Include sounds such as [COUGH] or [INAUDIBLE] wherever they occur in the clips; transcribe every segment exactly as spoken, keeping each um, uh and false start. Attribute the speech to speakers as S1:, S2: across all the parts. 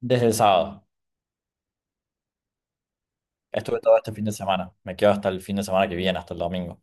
S1: Desde el sábado. Estuve todo este fin de semana. Me quedo hasta el fin de semana que viene, hasta el domingo.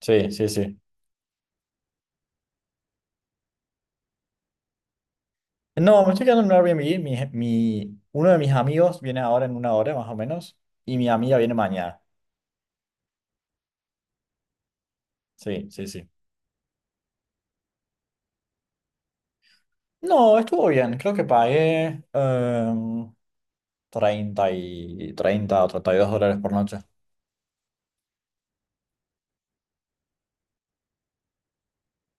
S1: Sí, sí, sí. No, me estoy quedando en un Airbnb. Mi, mi- uno de mis amigos viene ahora en una hora más o menos. Y mi amiga viene mañana. Sí, sí, sí. No, estuvo bien. Creo que pagué em, treinta y treinta o treinta y dos dólares por noche.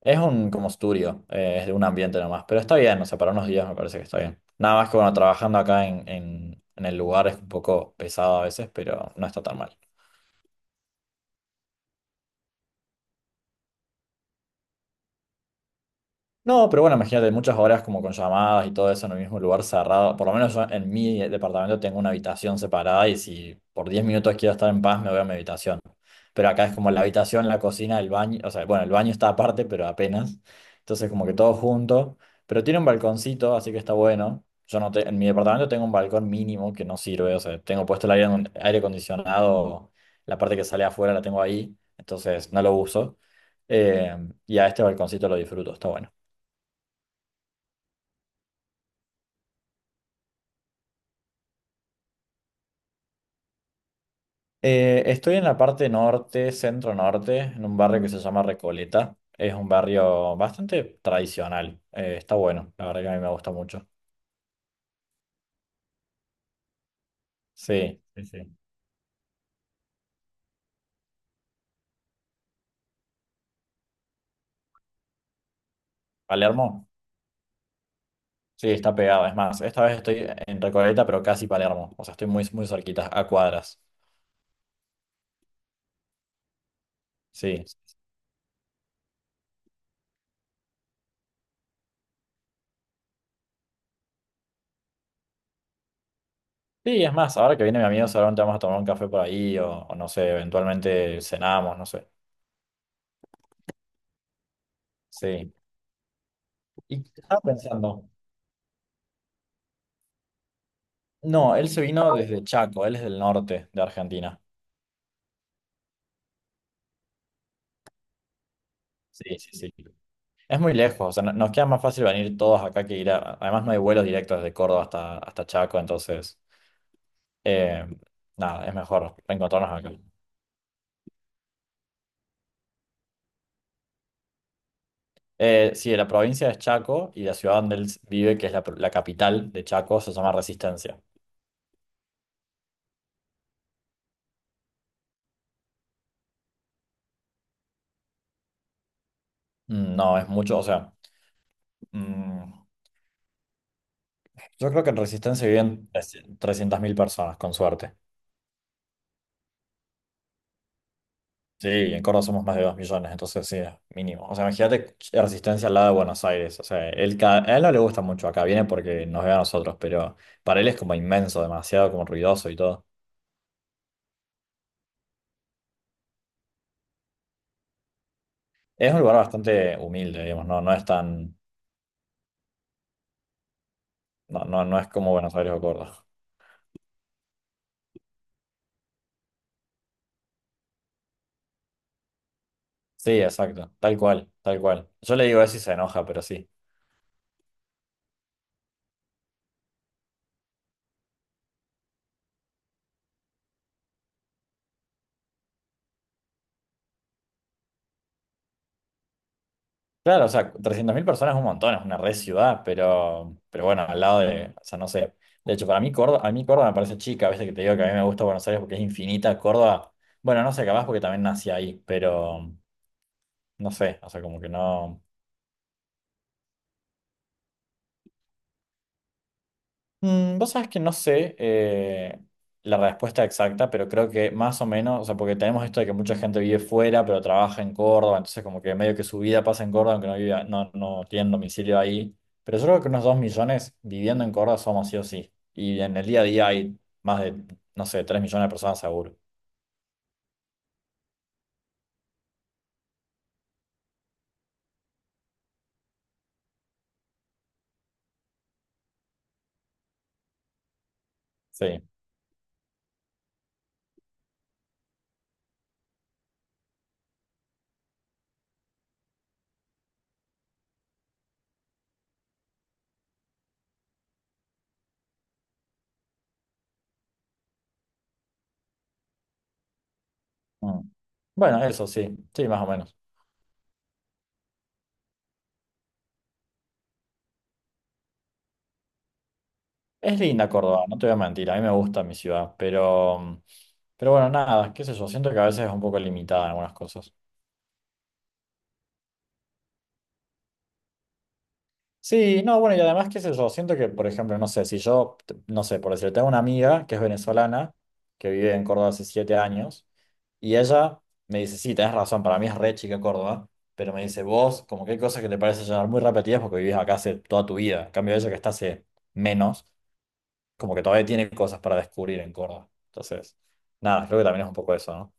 S1: Es un como estudio, eh, es de un ambiente nomás. Pero está bien, o sea, para unos días me parece que está bien. Nada más que bueno, trabajando acá en, en en el lugar es un poco pesado a veces, pero no está tan mal. No, pero bueno, imagínate, muchas horas como con llamadas y todo eso en el mismo lugar cerrado. Por lo menos yo en mi departamento tengo una habitación separada y si por diez minutos quiero estar en paz, me voy a mi habitación. Pero acá es como la habitación, la cocina, el baño. O sea, bueno, el baño está aparte, pero apenas. Entonces como que todo junto. Pero tiene un balconcito, así que está bueno. Yo no te- En mi departamento tengo un balcón mínimo que no sirve. O sea, tengo puesto el aire, aire acondicionado, la parte que sale afuera la tengo ahí. Entonces no lo uso. Eh, y a este balconcito lo disfruto, está bueno. Eh, estoy en la parte norte, centro norte, en un barrio que se llama Recoleta. Es un barrio bastante tradicional. Eh, está bueno, la verdad que a mí me gusta mucho. Sí, sí, sí. Palermo, sí, está pegado. Es más, esta vez estoy en Recoleta, pero casi Palermo. O sea, estoy muy, muy cerquita, a cuadras. Sí. Sí, es más, ahora que viene mi amigo, seguramente vamos a tomar un café por ahí o, o no sé, eventualmente cenamos, no sé. Sí. Y estaba pensando, no, él se vino desde Chaco, él es del norte de Argentina. Sí, sí, sí. Es muy lejos, o sea, no- nos queda más fácil venir todos acá que ir a... Además no hay vuelos directos desde Córdoba hasta, hasta Chaco, entonces, eh, nada, es mejor reencontrarnos acá. Eh, sí, la provincia es Chaco y la ciudad donde él vive, que es la, pro- la capital de Chaco, se llama Resistencia. Mm, No, es mucho, o sea, mm, yo creo que en Resistencia viven trescientas mil personas, con suerte. Sí, en Córdoba somos más de dos millones, entonces sí, es mínimo. O sea, imagínate Resistencia al lado de Buenos Aires. O sea, él, ca- a él no le gusta mucho acá, viene porque nos ve a nosotros, pero para él es como inmenso, demasiado como ruidoso y todo. Es un lugar bastante humilde, digamos, no, no es tan, no, no, no es como Buenos Aires o Córdoba. Sí, exacto, tal cual, tal cual. Yo le digo eso y se enoja, pero sí. Claro, o sea, trescientas mil personas es un montón, es una red ciudad, pero, pero bueno, al lado de, o sea, no sé. De hecho, para mí Córdoba, a mí Córdoba me parece chica, a veces que te digo que a mí me gusta Buenos Aires porque es infinita, Córdoba, bueno, no sé, capaz porque también nací ahí, pero no sé, o sea, como que no. Mm, Vos sabés que no sé eh, la respuesta exacta, pero creo que más o menos, o sea, porque tenemos esto de que mucha gente vive fuera, pero trabaja en Córdoba, entonces como que medio que su vida pasa en Córdoba, aunque no viva, no, no tienen domicilio ahí. Pero yo creo que unos dos millones viviendo en Córdoba somos sí o sí. Y en el día a día hay más de, no sé, tres millones de personas seguro. Sí. Mm. Bueno, eso sí, sí, más o menos. Es linda Córdoba, no te voy a mentir, a mí me gusta mi ciudad, pero, pero, bueno, nada, qué sé yo, siento que a veces es un poco limitada en algunas cosas. Sí, no, bueno, y además, qué sé yo, siento que, por ejemplo, no sé, si yo, t- no sé, por decirte, tengo una amiga que es venezolana, que vive en Córdoba hace siete años, y ella me dice, sí, tenés razón, para mí es re chica Córdoba, pero me dice, vos, como que hay cosas que te parecen ya muy repetidas porque vivís acá hace toda tu vida, en cambio ella que está hace menos, como que todavía tiene cosas para descubrir en Córdoba. Entonces, nada, creo que también es un poco eso, ¿no?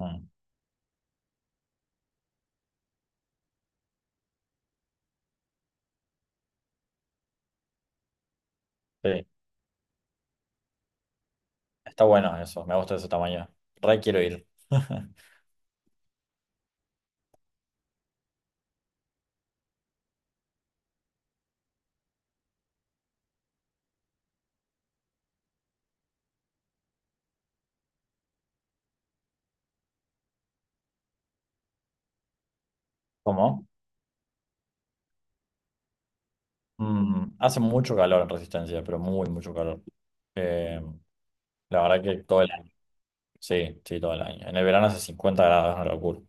S1: Mm, sí, está bueno eso, me gusta ese tamaño, re quiero ir. [LAUGHS] ¿Cómo? Mm, hace mucho calor en Resistencia, pero muy, mucho calor. Eh, la verdad que todo el año. Sí, sí, todo el año. En el verano hace cincuenta grados, es una locura.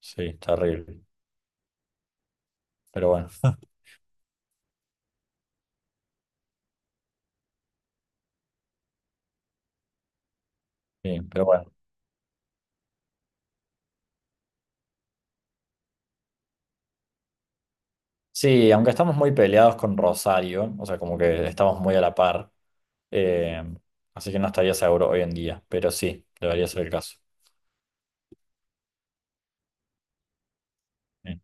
S1: Sí, es terrible. Pero bueno, [LAUGHS] sí, pero bueno. Sí, aunque estamos muy peleados con Rosario, o sea, como que estamos muy a la par, eh, así que no estaría seguro hoy en día, pero sí, debería ser el caso. Sí.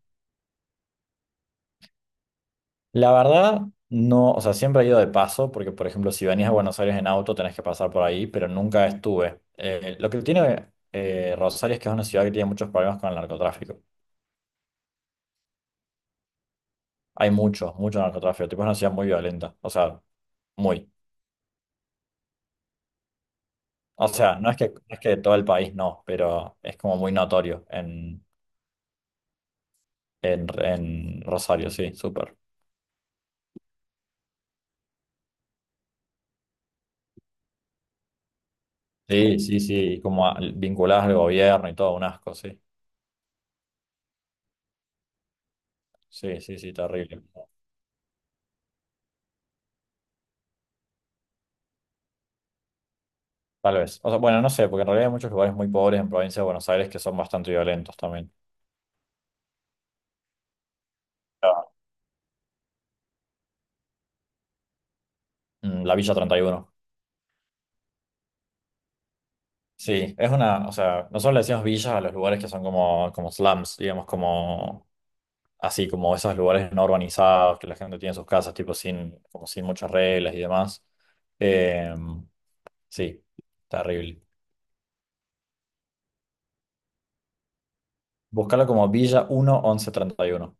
S1: La verdad, no, o sea, siempre he ido de paso, porque por ejemplo, si venís a Buenos Aires en auto tenés que pasar por ahí, pero nunca estuve. Eh, lo que tiene eh, Rosario es que es una ciudad que tiene muchos problemas con el narcotráfico. Hay mucho, mucho narcotráfico, tipo es una ciudad muy violenta, o sea, muy. O sea, no es que, no es que todo el país no, pero es como muy notorio en, en, en Rosario, sí, súper. Sí, sí, sí, como a- vinculadas al gobierno y todo, un asco, sí. Sí, sí, sí, terrible. Tal vez. O sea, bueno, no sé, porque en realidad hay muchos lugares muy pobres en provincia de Buenos Aires que son bastante violentos también. Ah, Mm, la Villa treinta y uno. Sí, es una, o sea, nosotros le decimos villas a los lugares que son como, como slums, digamos, como así, como esos lugares no urbanizados, que la gente tiene sus casas, tipo, sin, como sin muchas reglas y demás. Eh, sí, terrible. Búscalo como Villa uno once treinta y uno.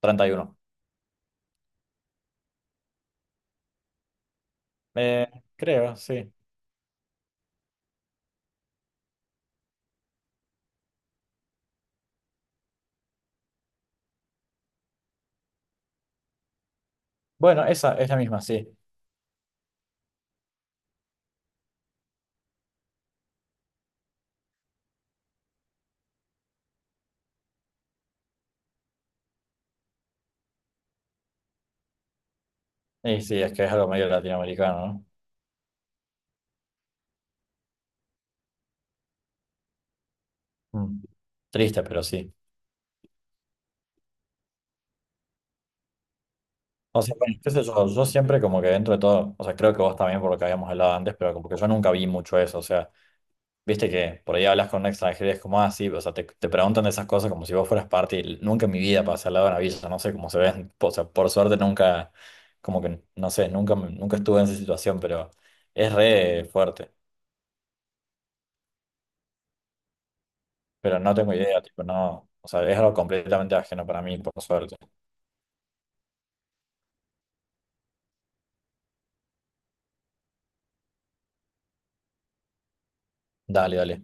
S1: treinta y uno. Eh, creo, sí. Bueno, esa es la misma, sí. Y sí, es que es algo medio latinoamericano, ¿no? Mm. Triste, pero sí. O sea, bueno, qué sé yo, yo siempre como que dentro de todo, o sea, creo que vos también por lo que habíamos hablado antes, pero como que yo nunca vi mucho eso, o sea, viste que por ahí hablas con un extranjero y es como, ah, sí, o sea, te, te preguntan de esas cosas como si vos fueras parte y nunca en mi vida pasé al lado de una villa, no sé cómo se ven, [LAUGHS] o sea, por suerte nunca, como que, no sé, nunca, me- nunca estuve en esa situación, pero es re fuerte, pero no tengo idea, tipo, no, o sea, es algo completamente ajeno para mí, por suerte. Dale, dale.